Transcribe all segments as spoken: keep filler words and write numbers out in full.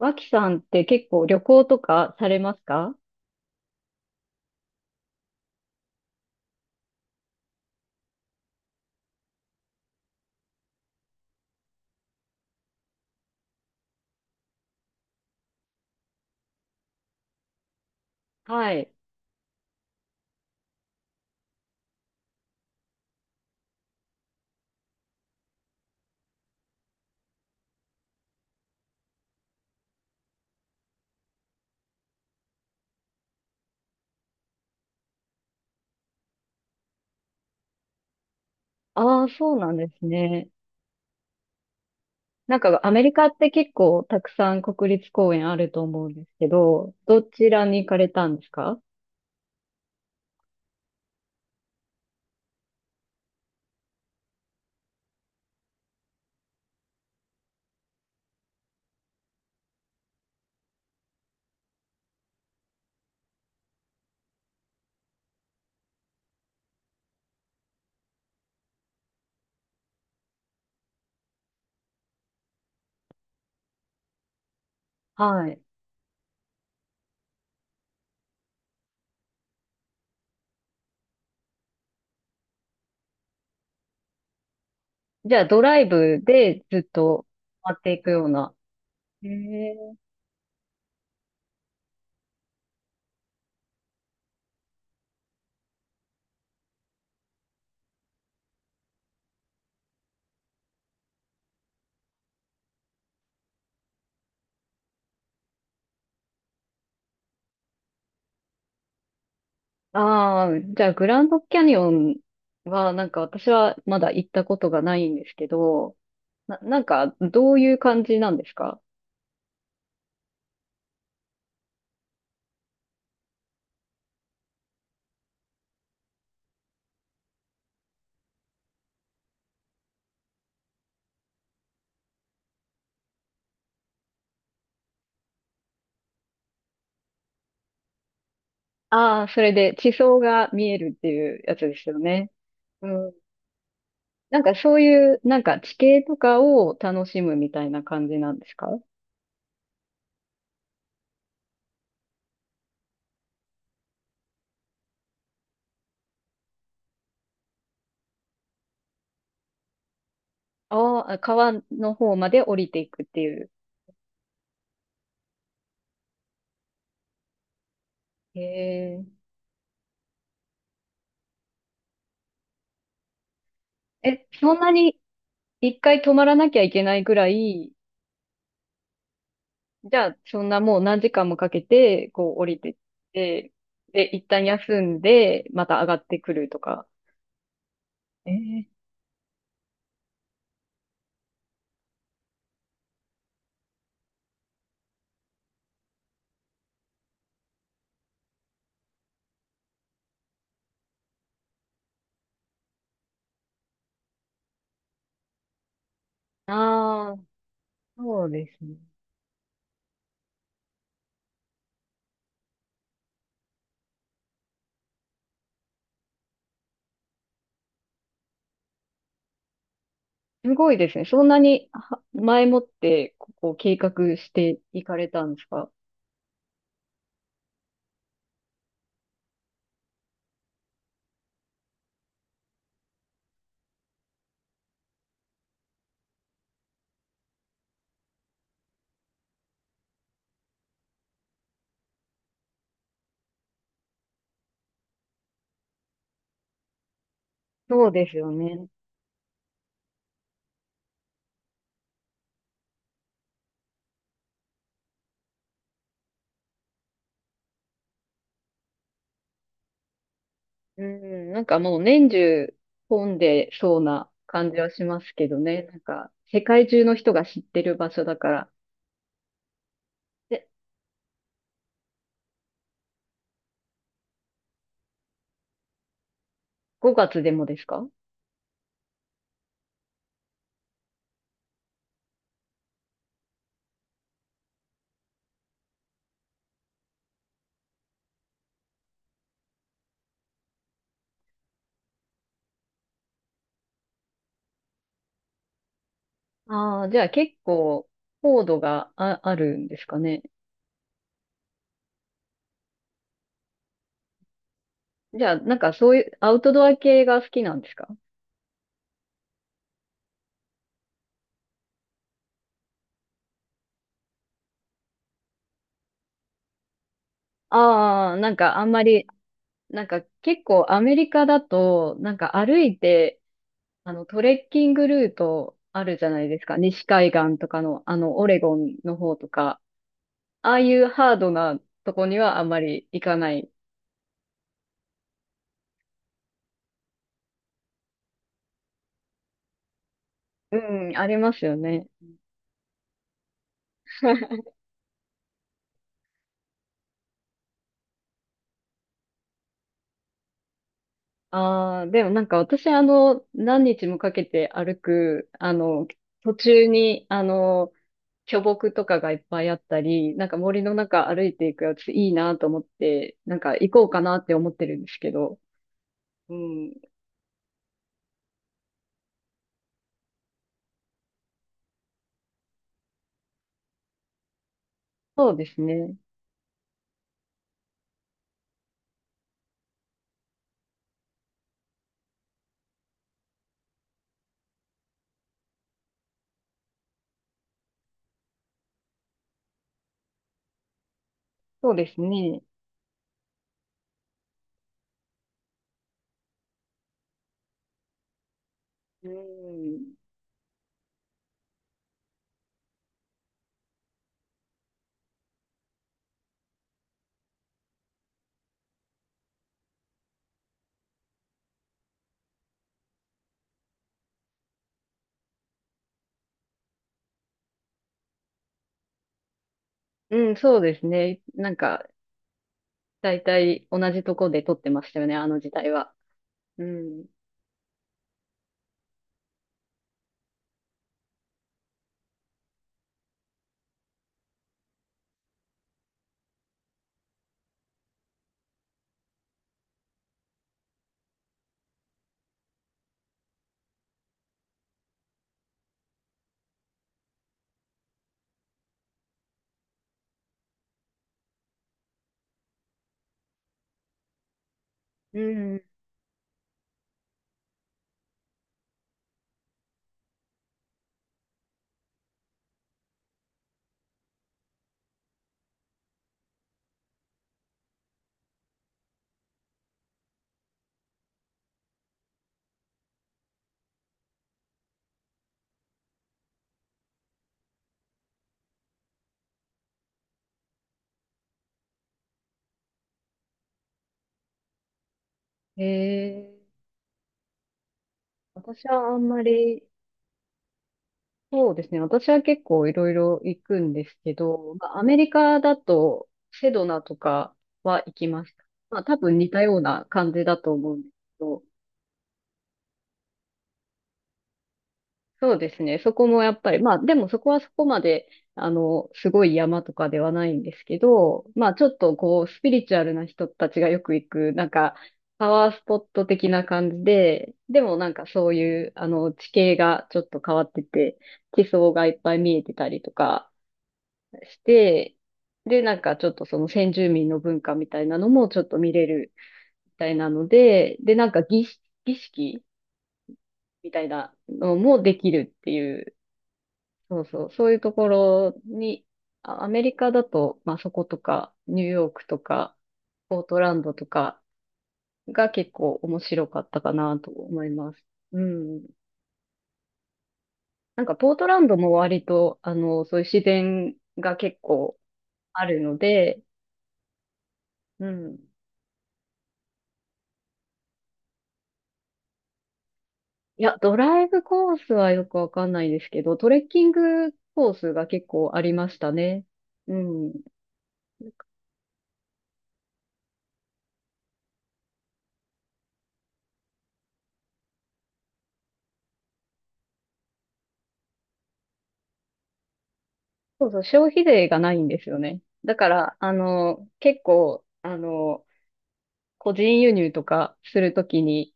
脇さんって結構旅行とかされますか？はい。ああ、そうなんですね。なんかアメリカって結構たくさん国立公園あると思うんですけど、どちらに行かれたんですか？はい。じゃあドライブでずっと回っていくような。へえ。ああ、じゃあグランドキャニオンはなんか私はまだ行ったことがないんですけど、な、なんかどういう感じなんですか？ああー、それで地層が見えるっていうやつですよね。うん。なんかそういう、なんか地形とかを楽しむみたいな感じなんですか？ああー、川の方まで降りていくっていう。へえ。え、そんなに一回止まらなきゃいけないぐらい。じゃあ、そんなもう何時間もかけて、こう降りてって、で、一旦休んで、また上がってくるとか。ええ。ああ、そうですね。すごいですね。そんなには前もって、ここう計画していかれたんですか？そうですよね。うん、なんかもう年中混んでそうな感じはしますけどね。なんか、世界中の人が知ってる場所だから。で、ごがつでもですか？ああ、じゃあ結構、高度があ、あるんですかね。じゃあ、なんかそういう、アウトドア系が好きなんですか？ああ、なんかあんまり、なんか結構アメリカだと、なんか歩いて、あの、トレッキングルートあるじゃないですか。西海岸とかの、あの、オレゴンの方とか、ああいうハードなとこにはあんまり行かない。うん、ありますよね。ああ、でもなんか私あの、何日もかけて歩く、あの、途中にあの、巨木とかがいっぱいあったり、なんか森の中歩いていくやついいなと思って、なんか行こうかなって思ってるんですけど。うん、そうですね。そうですね。うん、うん、そうですね。なんか、だいたい同じとこで撮ってましたよね、あの時代は。うん、うん、へえ、私はあんまり、そうですね。私は結構いろいろ行くんですけど、まあ、アメリカだとセドナとかは行きました。まあ多分似たような感じだと思うんですけど、そうですね。そこもやっぱり、まあでもそこはそこまで、あの、すごい山とかではないんですけど、まあちょっとこう、スピリチュアルな人たちがよく行く、なんか、パワースポット的な感じで、でもなんかそういう、あの、地形がちょっと変わってて、地層がいっぱい見えてたりとか、して、で、なんかちょっとその先住民の文化みたいなのもちょっと見れるみたいなので、で、なんか儀式、儀式みたいなのもできるっていう、そうそう、そういうところに、あアメリカだと、まあそことか、ニューヨークとか、ポートランドとかが結構面白かったかなと思います。うん。なんかポートランドも割と、あの、そういう自然が結構あるので、うん。いや、ドライブコースはよくわかんないですけど、トレッキングコースが結構ありましたね。うん。そうそう、消費税がないんですよね。だから、あの、結構、あの、個人輸入とかするときに、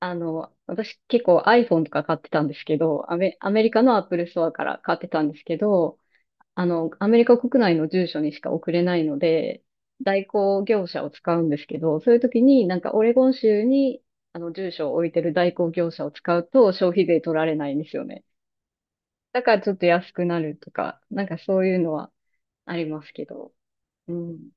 あの、私結構 アイフォン とか買ってたんですけど、アメ、アメリカの アップルストア から買ってたんですけど、あの、アメリカ国内の住所にしか送れないので、代行業者を使うんですけど、そういう時になんかオレゴン州にあの住所を置いてる代行業者を使うと消費税取られないんですよね。だからちょっと安くなるとか、なんかそういうのはありますけど。うん。